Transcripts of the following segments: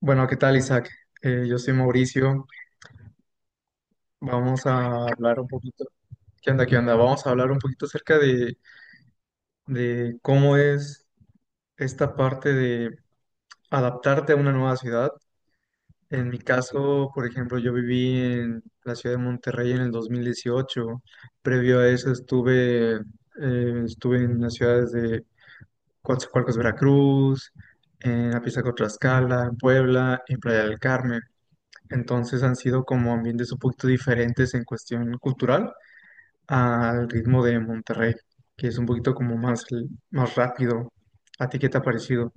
Bueno, ¿qué tal, Isaac? Yo soy Mauricio. Vamos a hablar un poquito. ¿Qué onda? ¿Qué onda? Vamos a hablar un poquito acerca de cómo es esta parte de adaptarte a una nueva ciudad. En mi caso, por ejemplo, yo viví en la ciudad de Monterrey en el 2018. Previo a eso estuve, estuve en las ciudades de Coatzacoalcos, Veracruz, en Apizaco, Tlaxcala, en Puebla, en Playa del Carmen. Entonces han sido como ambientes un poquito diferentes en cuestión cultural al ritmo de Monterrey, que es un poquito como más, más rápido. ¿A ti qué te ha parecido?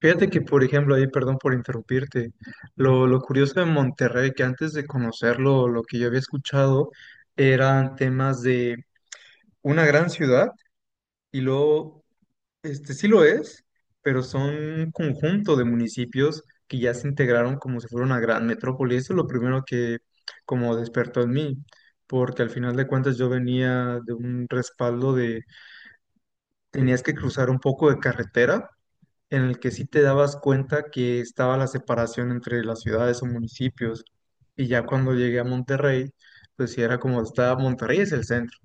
Fíjate que, por ejemplo, ahí, perdón por interrumpirte, lo curioso de Monterrey, que antes de conocerlo, lo que yo había escuchado eran temas de una gran ciudad y luego este sí lo es, pero son un conjunto de municipios que ya se integraron como si fuera una gran metrópoli. Eso es lo primero que como despertó en mí, porque al final de cuentas yo venía de un respaldo de tenías que cruzar un poco de carretera en el que sí te dabas cuenta que estaba la separación entre las ciudades o municipios. Y ya cuando llegué a Monterrey, pues sí era como está, Monterrey es el centro,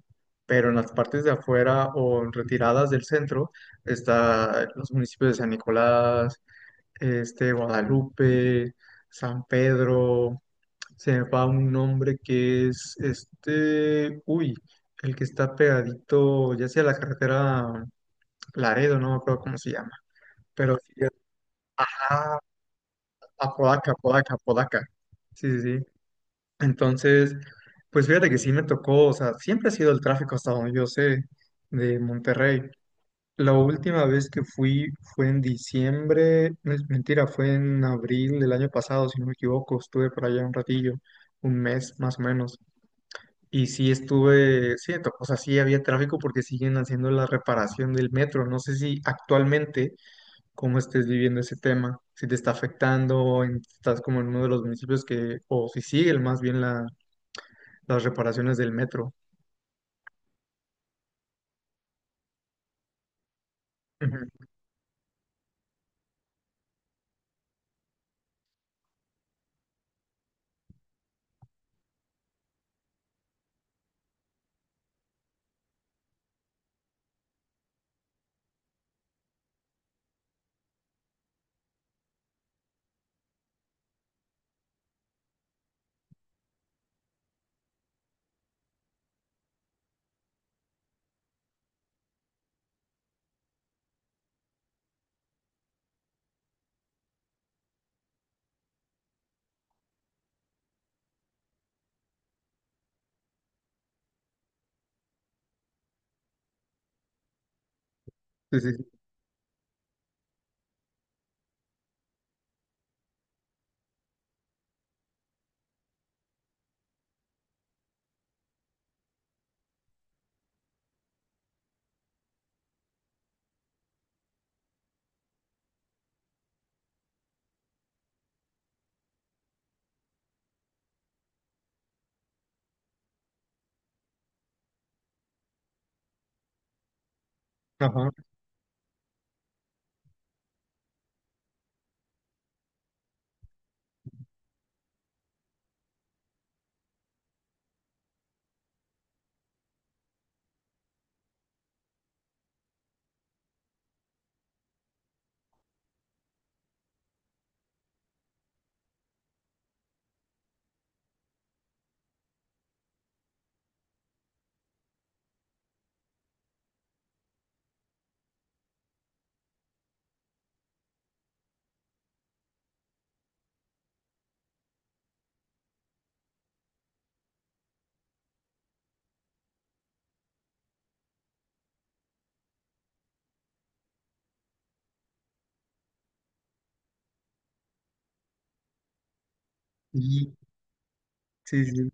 pero en las partes de afuera o en retiradas del centro está los municipios de San Nicolás, este, Guadalupe, San Pedro, se me va un nombre que es este, uy, el que está pegadito, ya sea la carretera Laredo, no me acuerdo cómo se llama. Pero sí, ah, a Podaca, Podaca, Podaca. Sí, sí, sí. Entonces, pues fíjate que sí me tocó, o sea, siempre ha sido el tráfico hasta donde yo sé de Monterrey. La última vez que fui fue en diciembre, no es mentira, fue en abril del año pasado, si no me equivoco, estuve por allá un ratillo, un mes más o menos. Y sí estuve, sí, me tocó, o sea, sí había tráfico porque siguen haciendo la reparación del metro. No sé si actualmente cómo estés viviendo ese tema, si te está afectando, estás como en uno de los municipios que, o si siguen más bien las reparaciones del metro. Ujú. Sí, sí, sí. Ajá. Y, sí, sí.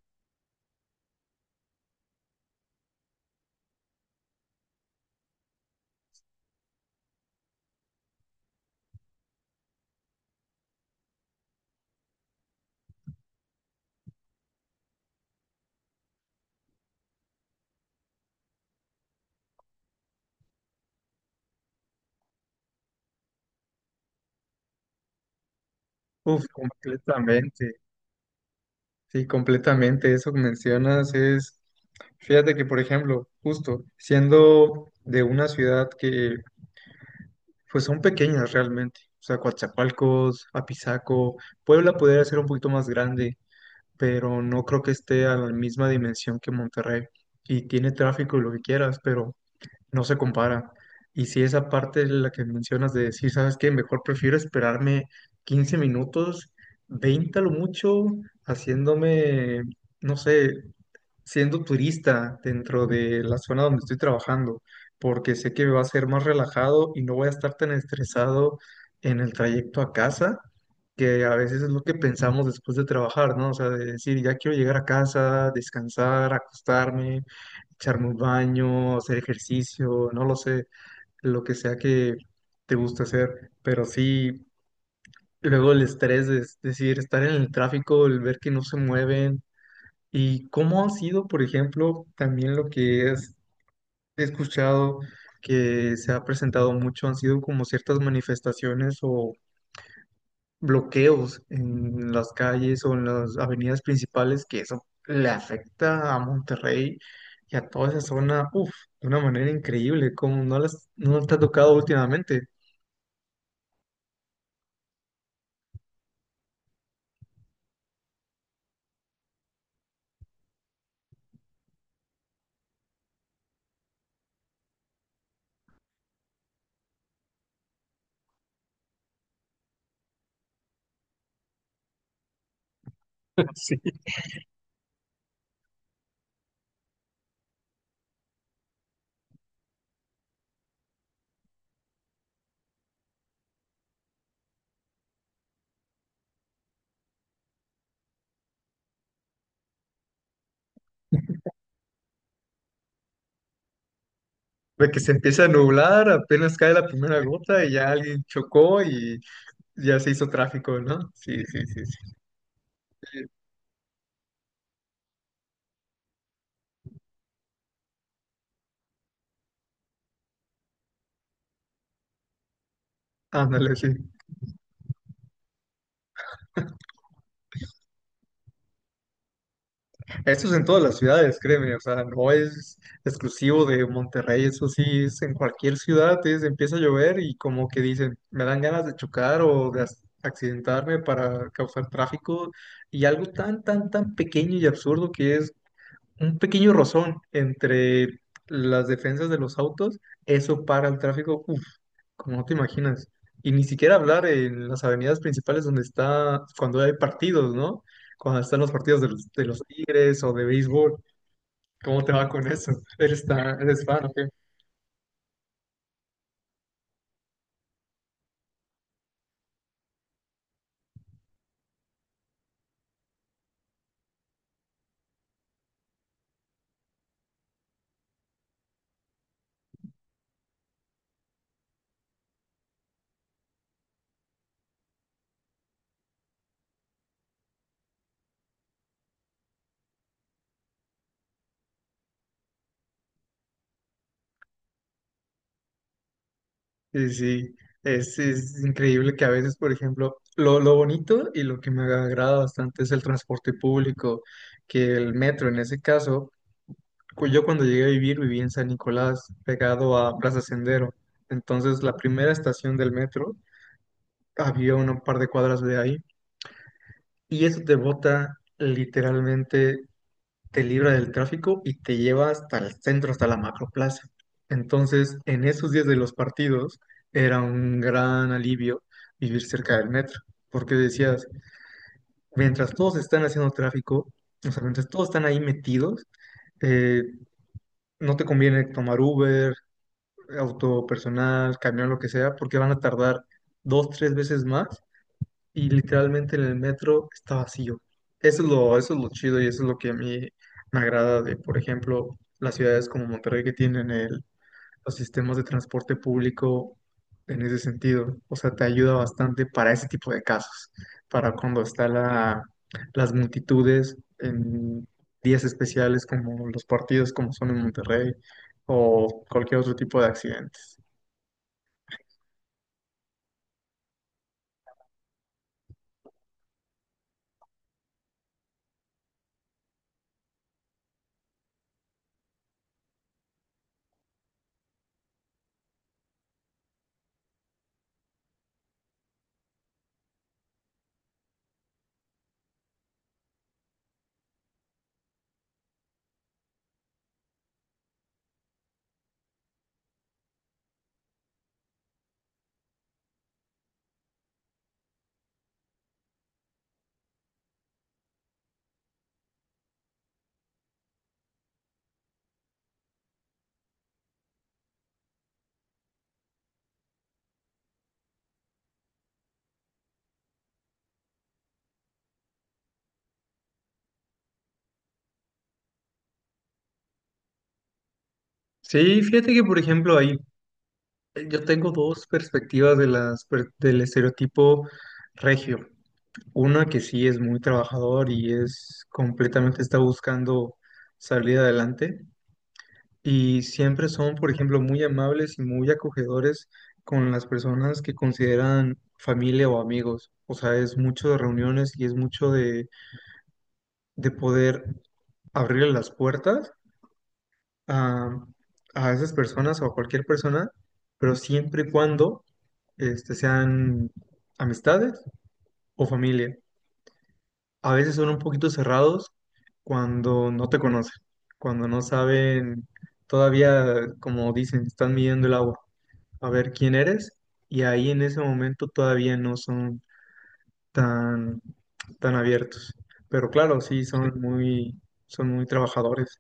Uf, completamente. Sí, completamente. Eso que mencionas es, fíjate que, por ejemplo, justo siendo de una ciudad que, pues son pequeñas realmente. O sea, Coatzacoalcos, Apizaco, Puebla podría ser un poquito más grande, pero no creo que esté a la misma dimensión que Monterrey. Y tiene tráfico y lo que quieras, pero no se compara. Y si esa parte es la que mencionas de decir, ¿sabes qué? Mejor prefiero esperarme 15 minutos, 20 a lo mucho, haciéndome, no sé, siendo turista dentro de la zona donde estoy trabajando, porque sé que va a ser más relajado y no voy a estar tan estresado en el trayecto a casa, que a veces es lo que pensamos después de trabajar, ¿no? O sea, de decir, ya quiero llegar a casa, descansar, acostarme, echarme un baño, hacer ejercicio, no lo sé, lo que sea que te guste hacer, pero sí, luego el estrés de es decir, estar en el tráfico, el ver que no se mueven. ¿Y cómo ha sido, por ejemplo, también lo que es- he escuchado que se ha presentado mucho, han sido como ciertas manifestaciones o bloqueos en las calles o en las avenidas principales, que eso le afecta a Monterrey y a toda esa zona, uff, de una manera increíble, como no las, no te ha tocado últimamente, sí, de que se empieza a nublar, apenas cae la primera gota y ya alguien chocó y ya se hizo tráfico, ¿no? Sí, sí, sí, sí. Ándale, sí. Eso es en todas las ciudades, créeme, o sea, no es exclusivo de Monterrey, eso sí, es en cualquier ciudad, empieza a llover y como que dicen, me dan ganas de chocar o de accidentarme para causar tráfico y algo tan, tan, tan pequeño y absurdo que es un pequeño rozón entre las defensas de los autos, eso para el tráfico, uff, como no te imaginas. Y ni siquiera hablar en las avenidas principales donde está, cuando hay partidos, ¿no? Cuando están los partidos de los Tigres o de béisbol, ¿cómo te va con eso? Eres, tan, eres fan, ¿o qué? Sí, sí, es increíble que a veces, por ejemplo, lo bonito y lo que me agrada bastante es el transporte público, que el metro en ese caso yo cuando llegué a vivir, viví en San Nicolás, pegado a Plaza Sendero. Entonces, la primera estación del metro había un par de cuadras de ahí. Y eso te bota literalmente, te libra del tráfico y te lleva hasta el centro, hasta la macroplaza. Entonces, en esos días de los partidos, era un gran alivio vivir cerca del metro. Porque decías, mientras todos están haciendo tráfico, o sea, mientras todos están ahí metidos, eh, no te conviene tomar Uber, auto personal, camión, lo que sea, porque van a tardar dos, tres veces más y literalmente en el metro está vacío. Eso es lo chido y eso es lo que a mí me agrada de, por ejemplo, las ciudades como Monterrey que tienen los sistemas de transporte público en ese sentido. O sea, te ayuda bastante para ese tipo de casos, para cuando está la, las multitudes en días especiales como los partidos como son en Monterrey o cualquier otro tipo de accidentes. Sí, fíjate que, por ejemplo, ahí yo tengo dos perspectivas de las, del estereotipo regio. Una que sí es muy trabajador y es completamente está buscando salir adelante. Y siempre son, por ejemplo, muy amables y muy acogedores con las personas que consideran familia o amigos. O sea, es mucho de reuniones y es mucho de poder abrirle las puertas a, a esas personas o a cualquier persona, pero siempre y cuando este, sean amistades o familia. A veces son un poquito cerrados cuando no te conocen, cuando no saben, todavía, como dicen, están midiendo el agua, a ver quién eres y ahí en ese momento todavía no son tan, tan abiertos. Pero claro, sí, son muy trabajadores.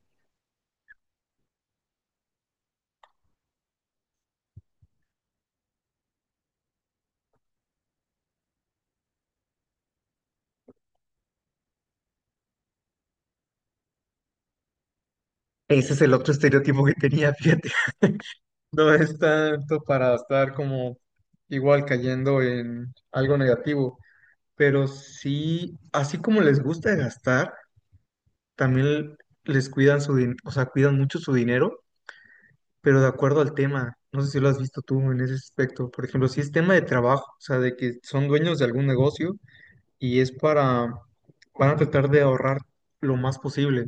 Ese es el otro estereotipo que tenía, fíjate. No es tanto para estar como igual cayendo en algo negativo, pero sí, así como les gusta gastar, también les cuidan su dinero, o sea, cuidan mucho su dinero pero de acuerdo al tema. No sé si lo has visto tú en ese aspecto. Por ejemplo, si es tema de trabajo, o sea, de que son dueños de algún negocio y es para, van a tratar de ahorrar lo más posible,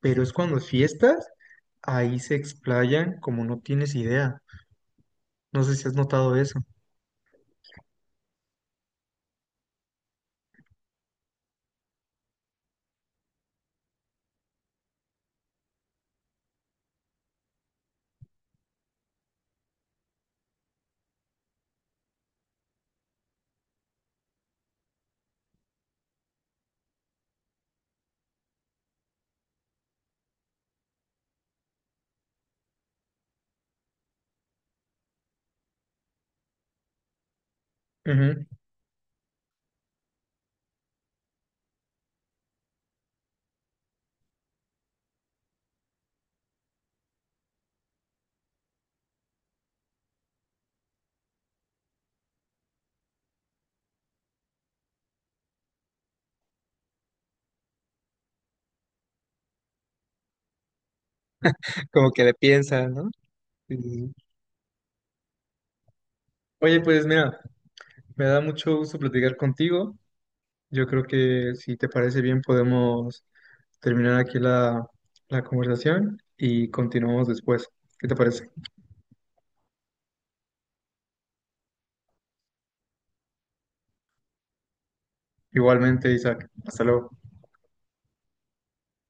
pero es cuando es fiestas, ahí se explayan como no tienes idea. No sé si has notado eso. Ujú. Como que le piensan, ¿no? Sí, sí, sí. Oye, pues mira, me da mucho gusto platicar contigo. Yo creo que si te parece bien podemos terminar aquí la, la conversación y continuamos después. ¿Qué te parece? Igualmente, Isaac. Hasta luego.